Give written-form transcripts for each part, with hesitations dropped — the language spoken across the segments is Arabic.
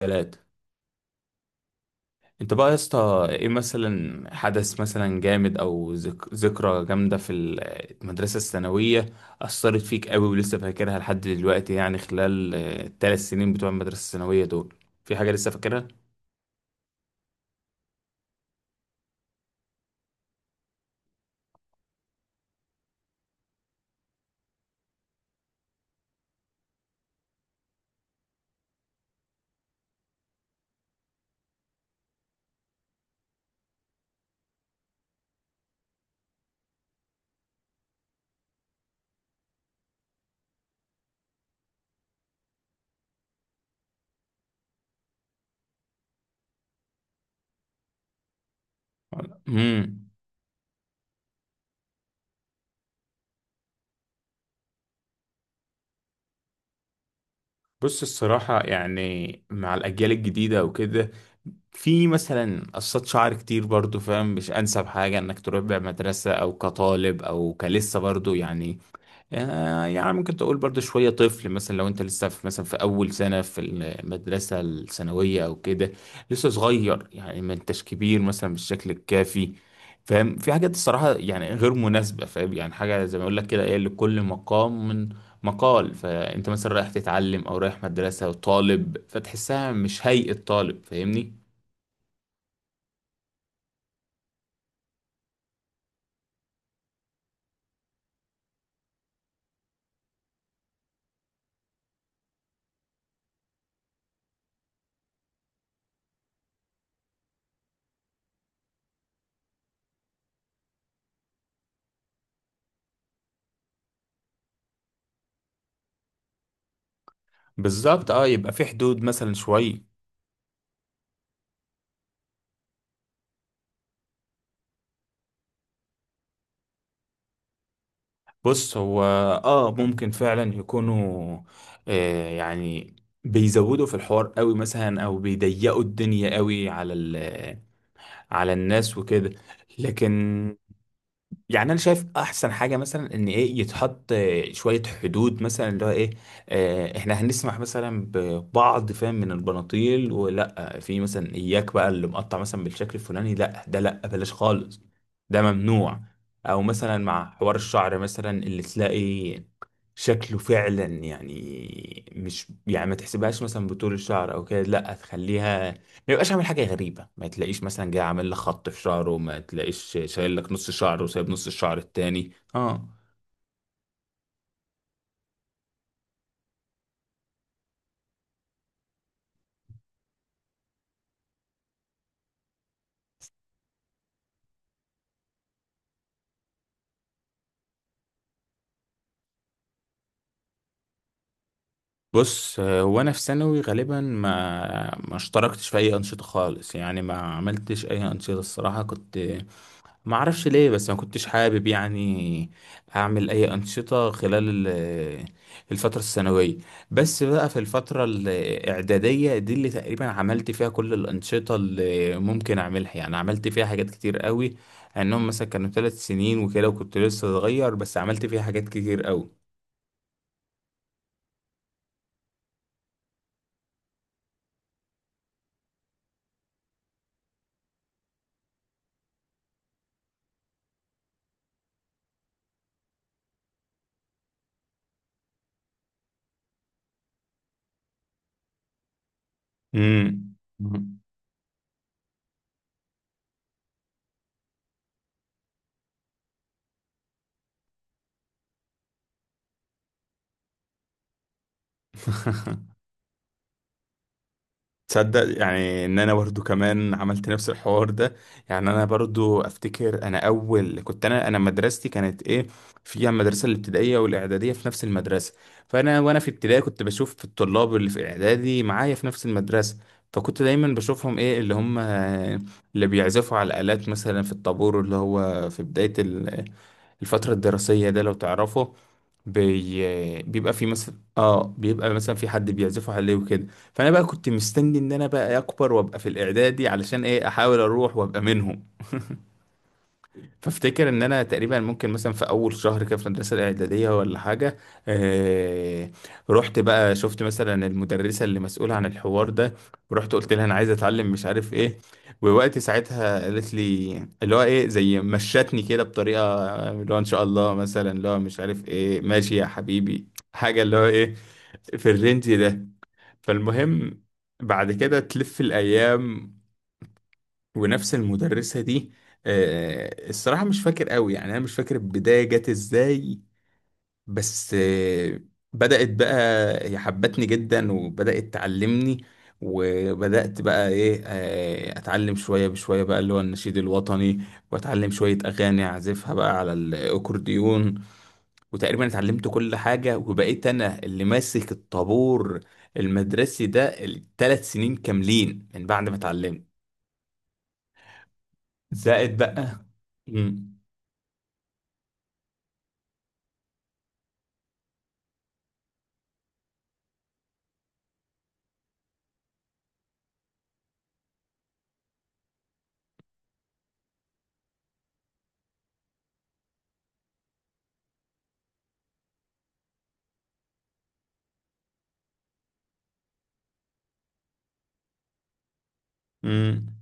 3. انت يا اسطى ايه مثلا حدث مثلا جامد او ذكرى جامدة المدرسة الثانوية أثرت فيك قوي ولسه فاكرها لحد دلوقتي، يعني خلال ال3 سنين بتوع المدرسة الثانوية دول، في حاجة لسه فاكرها؟ امم. بص الصراحة يعني مع الأجيال الجديدة وكده، في مثلا قصات شعر كتير برضو، فاهم؟ مش أنسب حاجة إنك تروح بيها مدرسة أو كطالب أو كلسه برضو، يعني يعني ممكن تقول برضو شوية طفل، مثلا لو انت لسه في مثلا في أول سنة في المدرسة الثانوية أو كده، لسه صغير، يعني ما انتش كبير مثلا بالشكل الكافي، فاهم؟ في حاجات الصراحة يعني غير مناسبة، فاهم يعني حاجة زي ما أقول لك كده، إيه لكل مقام مقال. فأنت مثلا رايح تتعلم أو رايح مدرسة وطالب، فتحسها مش هيئة طالب، فاهمني؟ بالظبط، اه يبقى في حدود مثلا شوية. بص، هو اه ممكن فعلا يكونوا آه يعني بيزودوا في الحوار قوي، مثلا او بيضيقوا الدنيا قوي على على الناس وكده، لكن يعني انا شايف احسن حاجه مثلا ان ايه، يتحط شويه حدود، مثلا اللي هو ايه، احنا هنسمح مثلا ببعض، فاهم، من البناطيل، ولا في مثلا اياك بقى اللي مقطع مثلا بالشكل الفلاني، لا ده لا، بلاش خالص، ده ممنوع. او مثلا مع حوار الشعر مثلا، اللي تلاقي شكله فعلا يعني مش يعني ما تحسبهاش مثلا بطول الشعر او كده، لا تخليها ما يبقاش عامل حاجة غريبة، ما تلاقيش مثلا جاي عامل لك خط في شعره، ما تلاقيش شايل لك نص شعره وسايب نص الشعر التاني، اه. بص هو انا في ثانوي غالبا ما اشتركتش في اي انشطة خالص، يعني ما عملتش اي انشطة الصراحة، كنت ما اعرفش ليه، بس ما كنتش حابب يعني اعمل اي انشطه خلال الفتره الثانويه، بس بقى في الفتره الاعداديه دي اللي تقريبا عملت فيها كل الانشطه اللي ممكن اعملها، يعني عملت فيها حاجات كتير قوي، انهم مثلا كانوا 3 سنين وكده، وكنت لسه صغير بس عملت فيها حاجات كتير قوي. امم. تصدق يعني ان انا برضو كمان عملت نفس الحوار ده، يعني انا برضو افتكر انا اول كنت انا مدرستي كانت ايه، فيها المدرسه الابتدائيه والاعداديه في نفس المدرسه، فانا وانا في ابتدائي كنت بشوف في الطلاب اللي في اعدادي معايا في نفس المدرسه، فكنت دايما بشوفهم ايه اللي هم اللي بيعزفوا على الالات، مثلا في الطابور اللي هو في بدايه الفترة الدراسية، ده لو تعرفه، بيبقى في مثلا اه، بيبقى مثلا في حد بيعزفه عليه وكده. فانا بقى كنت مستني ان انا بقى اكبر وابقى في الاعدادي علشان ايه، احاول اروح وابقى منهم. فافتكر ان انا تقريبا ممكن مثلا في اول شهر كده في المدرسه الاعداديه ولا حاجه، آه، رحت بقى شفت مثلا المدرسه اللي مسؤوله عن الحوار ده، ورحت قلت لها انا عايز اتعلم مش عارف ايه، ووقت ساعتها قالت لي اللي هو ايه، زي مشتني كده بطريقه اللي هو ان شاء الله مثلا اللي هو مش عارف ايه، ماشي يا حبيبي، حاجه اللي هو ايه، في الرينج ده. فالمهم، بعد كده تلف الايام، ونفس المدرسة دي، الصراحة مش فاكر قوي، يعني أنا مش فاكر البداية جت إزاي، بس بدأت بقى، هي حبتني جدا وبدأت تعلمني، وبدأت بقى إيه، أتعلم شوية بشوية بقى اللي هو النشيد الوطني، وأتعلم شوية أغاني أعزفها بقى على الأكورديون، وتقريبا اتعلمت كل حاجة وبقيت أنا اللي ماسك الطابور المدرسي ده ال3 سنين كاملين من بعد ما اتعلمت. زائد بقى. مم. امم.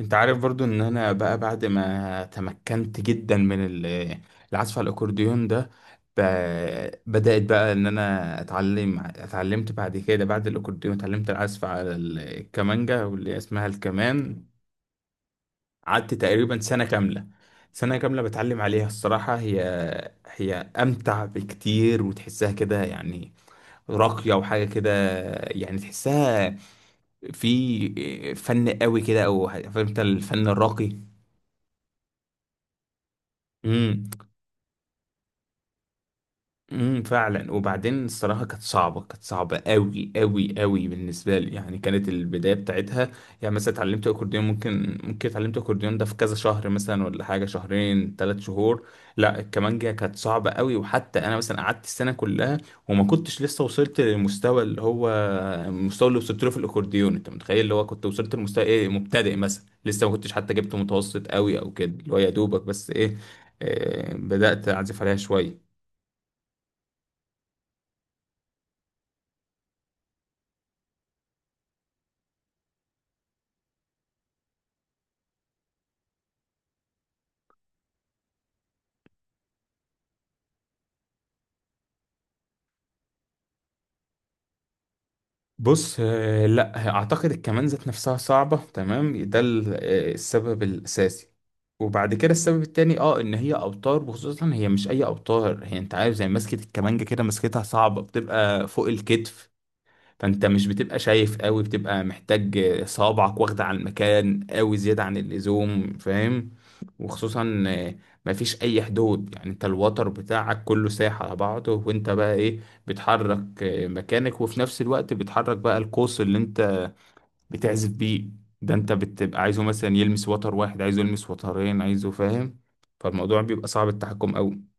انت عارف برضو ان انا بقى بعد ما تمكنت جدا من العزف على الاكورديون ده، بدأت بقى ان انا اتعلمت بعد كده، بعد الاكورديون اتعلمت العزف على الكمانجا واللي اسمها الكمان. قعدت تقريبا سنة كاملة بتعلم عليها. الصراحة هي امتع بكتير، وتحسها كده يعني راقية وحاجة كده، يعني تحسها في فن قوي كده، او فهمت الفن الراقي. امم. امم، فعلا. وبعدين الصراحه كانت صعبه قوي قوي قوي بالنسبه لي، يعني كانت البدايه بتاعتها، يعني مثلا اتعلمت اكورديون، ممكن اتعلمت اكورديون ده في كذا شهر مثلا ولا حاجه، شهرين 3 شهور، لا الكمانجه كانت صعبه قوي، وحتى انا مثلا قعدت السنه كلها وما كنتش لسه وصلت للمستوى اللي هو المستوى اللي وصلت له في الاكورديون، انت متخيل؟ اللي هو كنت وصلت لمستوى ايه، مبتدئ مثلا، لسه ما كنتش حتى جبت متوسط قوي او كده، اللي هو يا دوبك بس ايه، بدأت أعزف عليها شوية. بص لا اعتقد الكمان ذات نفسها صعبة تمام، ده السبب الاساسي، وبعد كده السبب التاني اه ان هي اوتار، وخصوصا هي مش اي اوتار، هي انت عارف زي مسكة الكمانجة كده، مسكتها صعبة، بتبقى فوق الكتف، فانت مش بتبقى شايف قوي، بتبقى محتاج صوابعك واخدة على المكان قوي زيادة عن اللزوم، فاهم؟ وخصوصا مفيش اي حدود، يعني انت الوتر بتاعك كله سايح على بعضه، وانت بقى ايه، بتحرك مكانك، وفي نفس الوقت بتحرك بقى القوس اللي انت بتعزف بيه، ده انت بتبقى عايزه مثلا يلمس وتر واحد، عايزه يلمس وترين، عايزه، فاهم؟ فالموضوع بيبقى صعب التحكم قوي.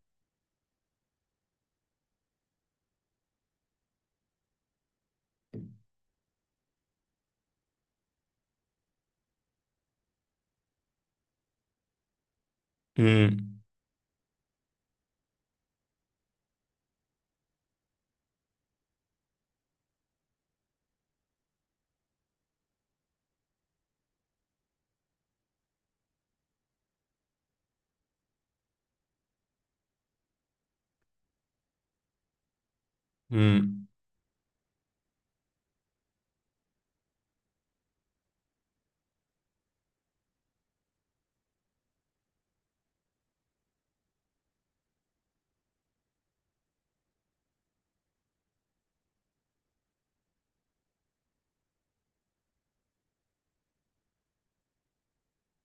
امم. امم.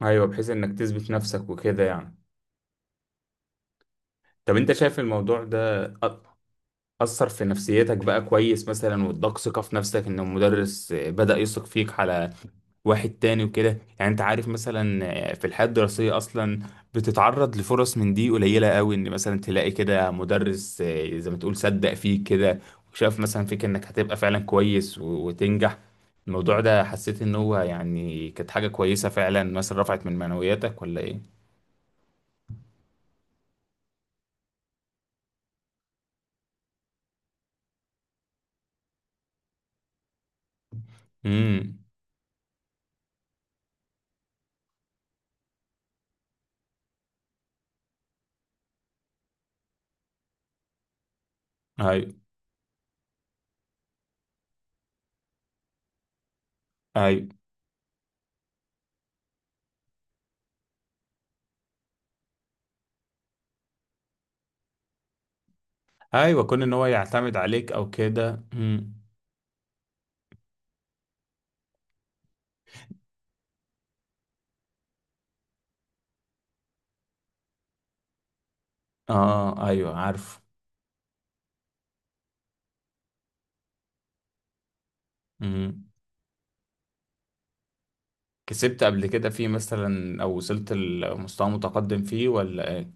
ايوه، بحيث انك تثبت نفسك وكده يعني. طب انت شايف الموضوع ده أثر في نفسيتك بقى كويس، مثلا واداك ثقة في نفسك ان المدرس بدأ يثق فيك على واحد تاني وكده، يعني انت عارف مثلا في الحياة الدراسية اصلا بتتعرض لفرص من دي قليلة قوي، ان مثلا تلاقي كده مدرس زي ما تقول صدق فيك كده، وشاف مثلا فيك انك هتبقى فعلا كويس، وتنجح. الموضوع ده حسيت ان هو يعني كانت حاجة كويسة فعلا، مثلا رفعت من معنوياتك ولا ايه؟ امم. ايوه، ايوه. ايوه، كون ان هو يعتمد عليك او كده. مم. اه، ايوه عارف. مم. كسبت قبل كده فيه مثلا، او وصلت لمستوى متقدم فيه، ولا ايه؟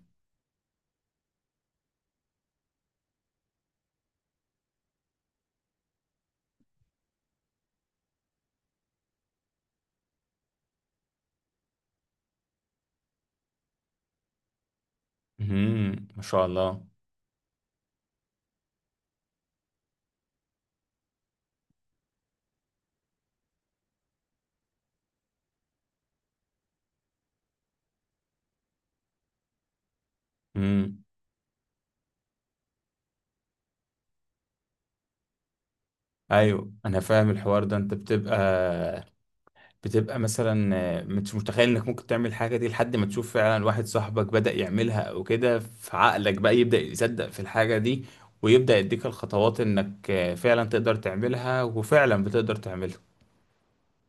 مم. ما شاء الله. مم. ايوه انا فاهم الحوار ده، انت بتبقى مثلا مش متخيل انك ممكن تعمل حاجه دي، لحد ما تشوف فعلا واحد صاحبك بدأ يعملها او كده، فعقلك بقى يبدأ يصدق في الحاجه دي، ويبدأ يديك الخطوات انك فعلا تقدر تعملها، وفعلا بتقدر تعملها.